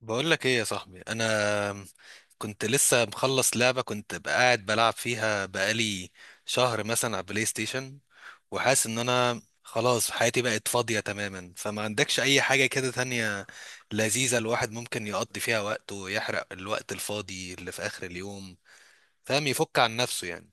بقول لك ايه يا صاحبي، انا كنت لسه مخلص لعبة كنت قاعد بلعب فيها بقالي شهر مثلا على بلاي ستيشن، وحاسس ان انا خلاص حياتي بقت فاضية تماما، فما عندكش اي حاجة كده تانية لذيذة الواحد ممكن يقضي فيها وقته ويحرق الوقت الفاضي اللي في اخر اليوم، فاهم، يفك عن نفسه يعني.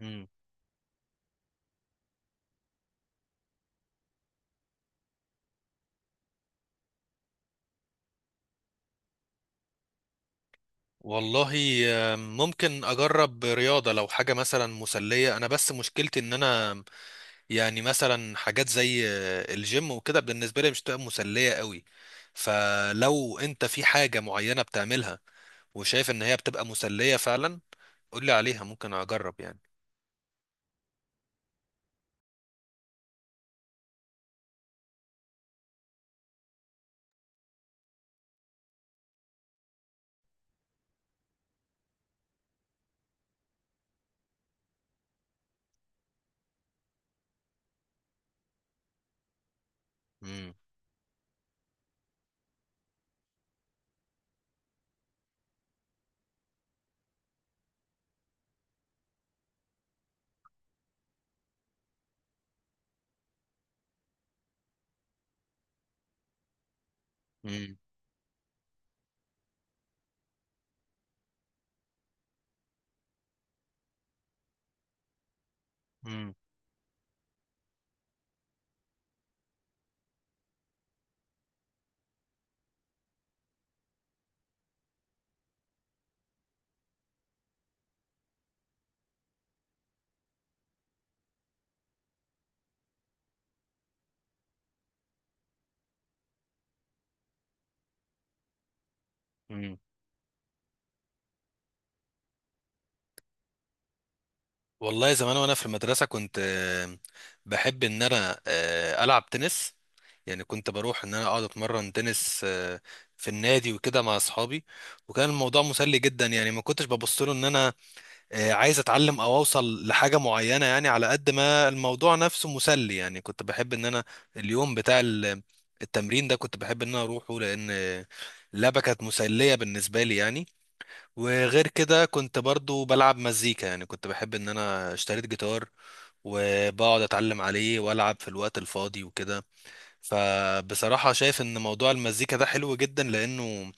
مم. والله، ممكن اجرب رياضة لو حاجة مثلا مسلية. انا بس مشكلتي ان انا يعني مثلا حاجات زي الجيم وكده بالنسبة لي مش تبقى مسلية قوي. فلو انت في حاجة معينة بتعملها وشايف ان هي بتبقى مسلية فعلا، قولي عليها ممكن اجرب يعني. مم. مم. مم. مم. والله زمان وانا في المدرسة كنت بحب ان انا العب تنس يعني. كنت بروح ان انا اقعد اتمرن تنس في النادي وكده مع اصحابي، وكان الموضوع مسلي جدا يعني. ما كنتش ببص له ان انا عايز اتعلم او اوصل لحاجه معينه يعني، على قد ما الموضوع نفسه مسلي يعني. كنت بحب ان انا اليوم بتاع التمرين ده كنت بحب ان انا اروحه لان اللعبه كانت مسليه بالنسبه لي يعني. وغير كده كنت برضو بلعب مزيكا يعني. كنت بحب ان انا اشتريت جيتار وبقعد اتعلم عليه والعب في الوقت الفاضي وكده. فبصراحه شايف ان موضوع المزيكا ده حلو جدا لانه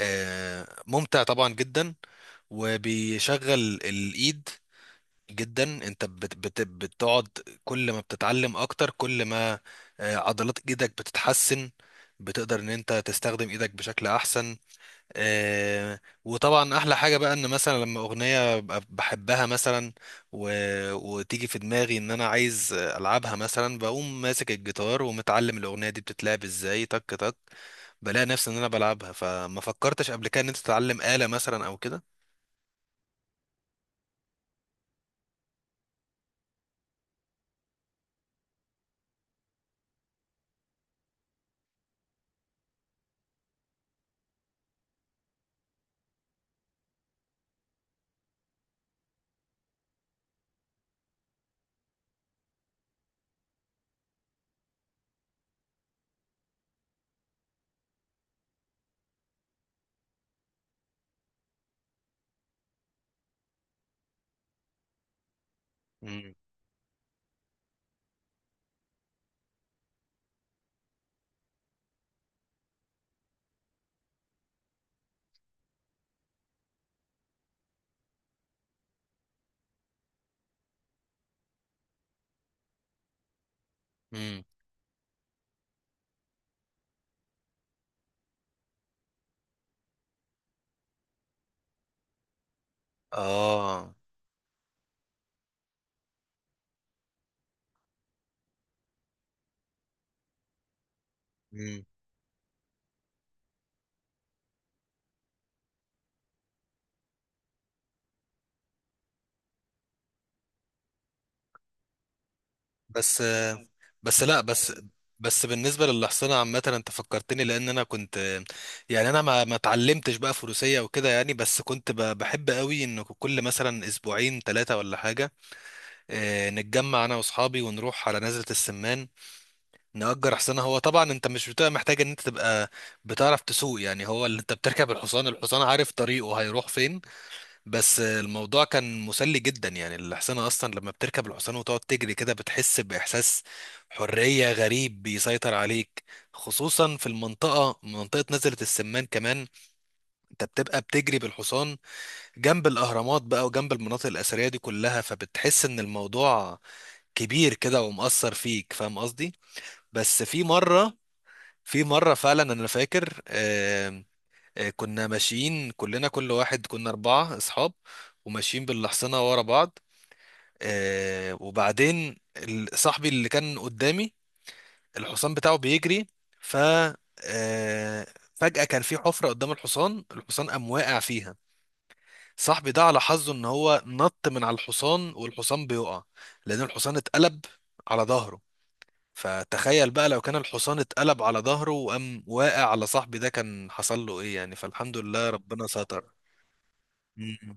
ممتع طبعا جدا، وبيشغل الايد جدا. انت بت بت بتقعد كل ما بتتعلم اكتر كل ما عضلات ايدك بتتحسن، بتقدر ان انت تستخدم ايدك بشكل احسن. وطبعا احلى حاجة بقى ان مثلا لما اغنية ببقى بحبها مثلا و... وتيجي في دماغي ان انا عايز العبها مثلا، بقوم ماسك الجيتار ومتعلم الاغنية دي بتتلعب ازاي، تك تك، بلاقي نفسي ان انا بلعبها. فما فكرتش قبل كده ان انت تتعلم آلة مثلا او كده. امم، اه. إمم. بس بس لا بس بس بالنسبه للحصانه عامه، انت فكرتني، لان انا كنت يعني انا ما اتعلمتش بقى فروسيه وكده يعني، بس كنت بحب قوي ان كل مثلا اسبوعين ثلاثه ولا حاجه نتجمع انا واصحابي ونروح على نزله السمان، نأجر حصانه. هو طبعا انت مش بتبقى محتاج ان انت تبقى بتعرف تسوق يعني، هو اللي انت بتركب، الحصان عارف طريقه هيروح فين. بس الموضوع كان مسلي جدا يعني. الحصانة أصلا لما بتركب الحصان وتقعد تجري كده، بتحس بإحساس حرية غريب بيسيطر عليك، خصوصا في المنطقة، منطقة نزلة السمان كمان. أنت بتبقى بتجري بالحصان جنب الأهرامات بقى، وجنب المناطق الأثرية دي كلها، فبتحس إن الموضوع كبير كده ومؤثر فيك، فاهم قصدي؟ بس في مرة في مرة فعلا أنا فاكر، كنا ماشيين كلنا، كل واحد، كنا أربعة أصحاب وماشيين بالحصنة ورا بعض. وبعدين صاحبي اللي كان قدامي الحصان بتاعه بيجري، ف آه فجأة كان في حفرة قدام الحصان، الحصان قام واقع فيها. صاحبي ده على حظه ان هو نط من على الحصان والحصان بيقع، لان الحصان اتقلب على ظهره. فتخيل بقى لو كان الحصان اتقلب على ظهره وقام واقع على صاحبي ده، كان حصل له ايه يعني. فالحمد لله ربنا ستر. مم.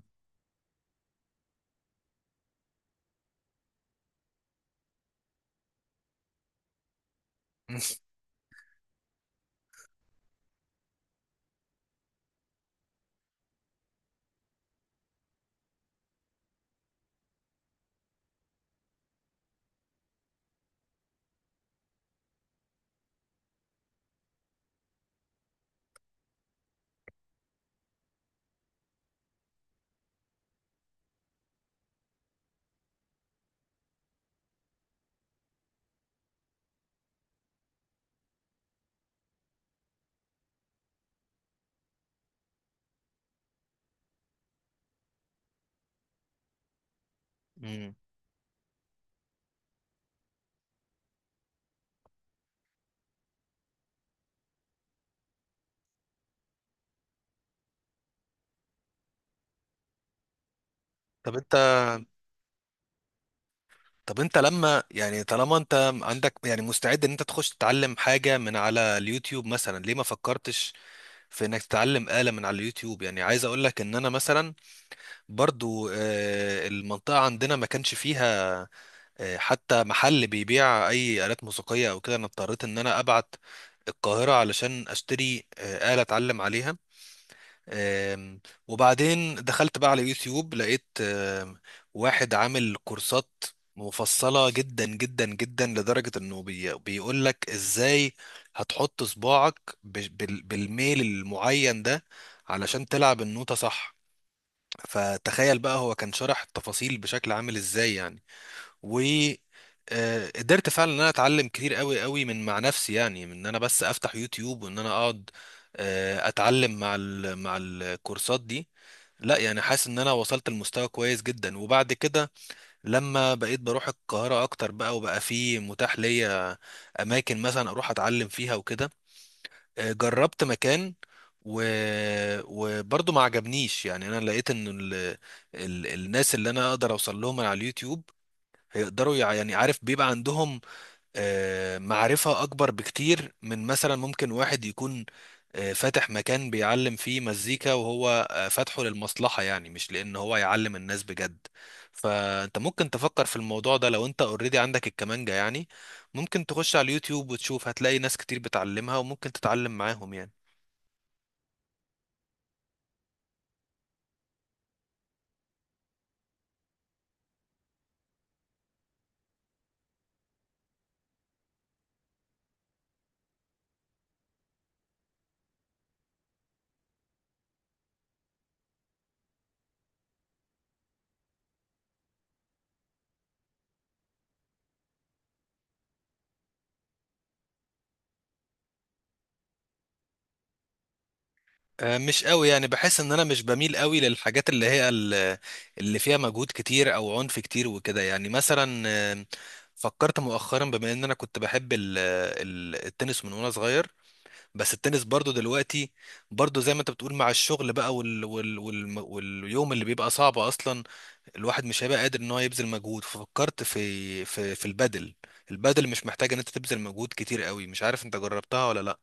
مم. طب انت طب انت لما يعني، طالما انت عندك يعني مستعد ان انت تخش تتعلم حاجة من على اليوتيوب مثلا، ليه ما فكرتش في انك تتعلم آلة من على اليوتيوب يعني؟ عايز اقول لك ان انا مثلا برضو المنطقة عندنا ما كانش فيها حتى محل بيبيع اي آلات موسيقية او كده، انا اضطريت ان انا ابعت القاهرة علشان اشتري آلة اتعلم عليها. آم، وبعدين دخلت بقى على يوتيوب، لقيت واحد عامل كورسات مفصلة جدا جدا جدا، لدرجة انه بيقول لك ازاي هتحط صباعك بالميل المعين ده علشان تلعب النوتة صح. فتخيل بقى هو كان شرح التفاصيل بشكل عامل ازاي يعني. و آه، قدرت فعلا ان انا اتعلم كتير قوي من مع نفسي يعني، من ان انا بس افتح يوتيوب وان انا اقعد اتعلم مع ال مع الكورسات دي. لا يعني حاسس ان انا وصلت لمستوى كويس جدا. وبعد كده لما بقيت بروح القاهرة اكتر بقى، وبقى في متاح ليا اماكن مثلا اروح اتعلم فيها وكده، جربت مكان و... وبرضه ما عجبنيش يعني. انا لقيت ان الناس اللي انا اقدر اوصل لهم على اليوتيوب هيقدروا يعني عارف بيبقى عندهم معرفة أكبر بكتير من مثلا ممكن واحد يكون فاتح مكان بيعلم فيه مزيكا وهو فاتحه للمصلحة يعني، مش لأن هو يعلم الناس بجد. فأنت ممكن تفكر في الموضوع ده لو أنت اوريدي عندك الكمانجا يعني، ممكن تخش على اليوتيوب وتشوف، هتلاقي ناس كتير بتعلمها وممكن تتعلم معاهم يعني. مش قوي يعني، بحس ان انا مش بميل قوي للحاجات اللي هي اللي فيها مجهود كتير او عنف كتير وكده يعني. مثلا فكرت مؤخرا بما ان انا كنت بحب التنس من وانا صغير، بس التنس برضو دلوقتي برضو زي ما انت بتقول، مع الشغل بقى واليوم اللي بيبقى صعب اصلا، الواحد مش هيبقى قادر ان هو يبذل مجهود. ففكرت في البدل. البدل مش محتاج ان انت تبذل مجهود كتير قوي. مش عارف انت جربتها ولا لا؟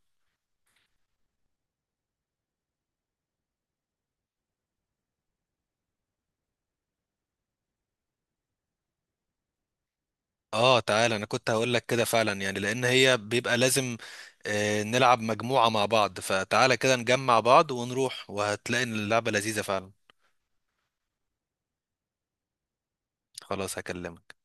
اه، تعالى انا كنت هقول لك كده فعلا، يعني لان هي بيبقى لازم نلعب مجموعة مع بعض. فتعالى كده نجمع بعض ونروح، وهتلاقي ان اللعبة لذيذة فعلا. خلاص هكلمك.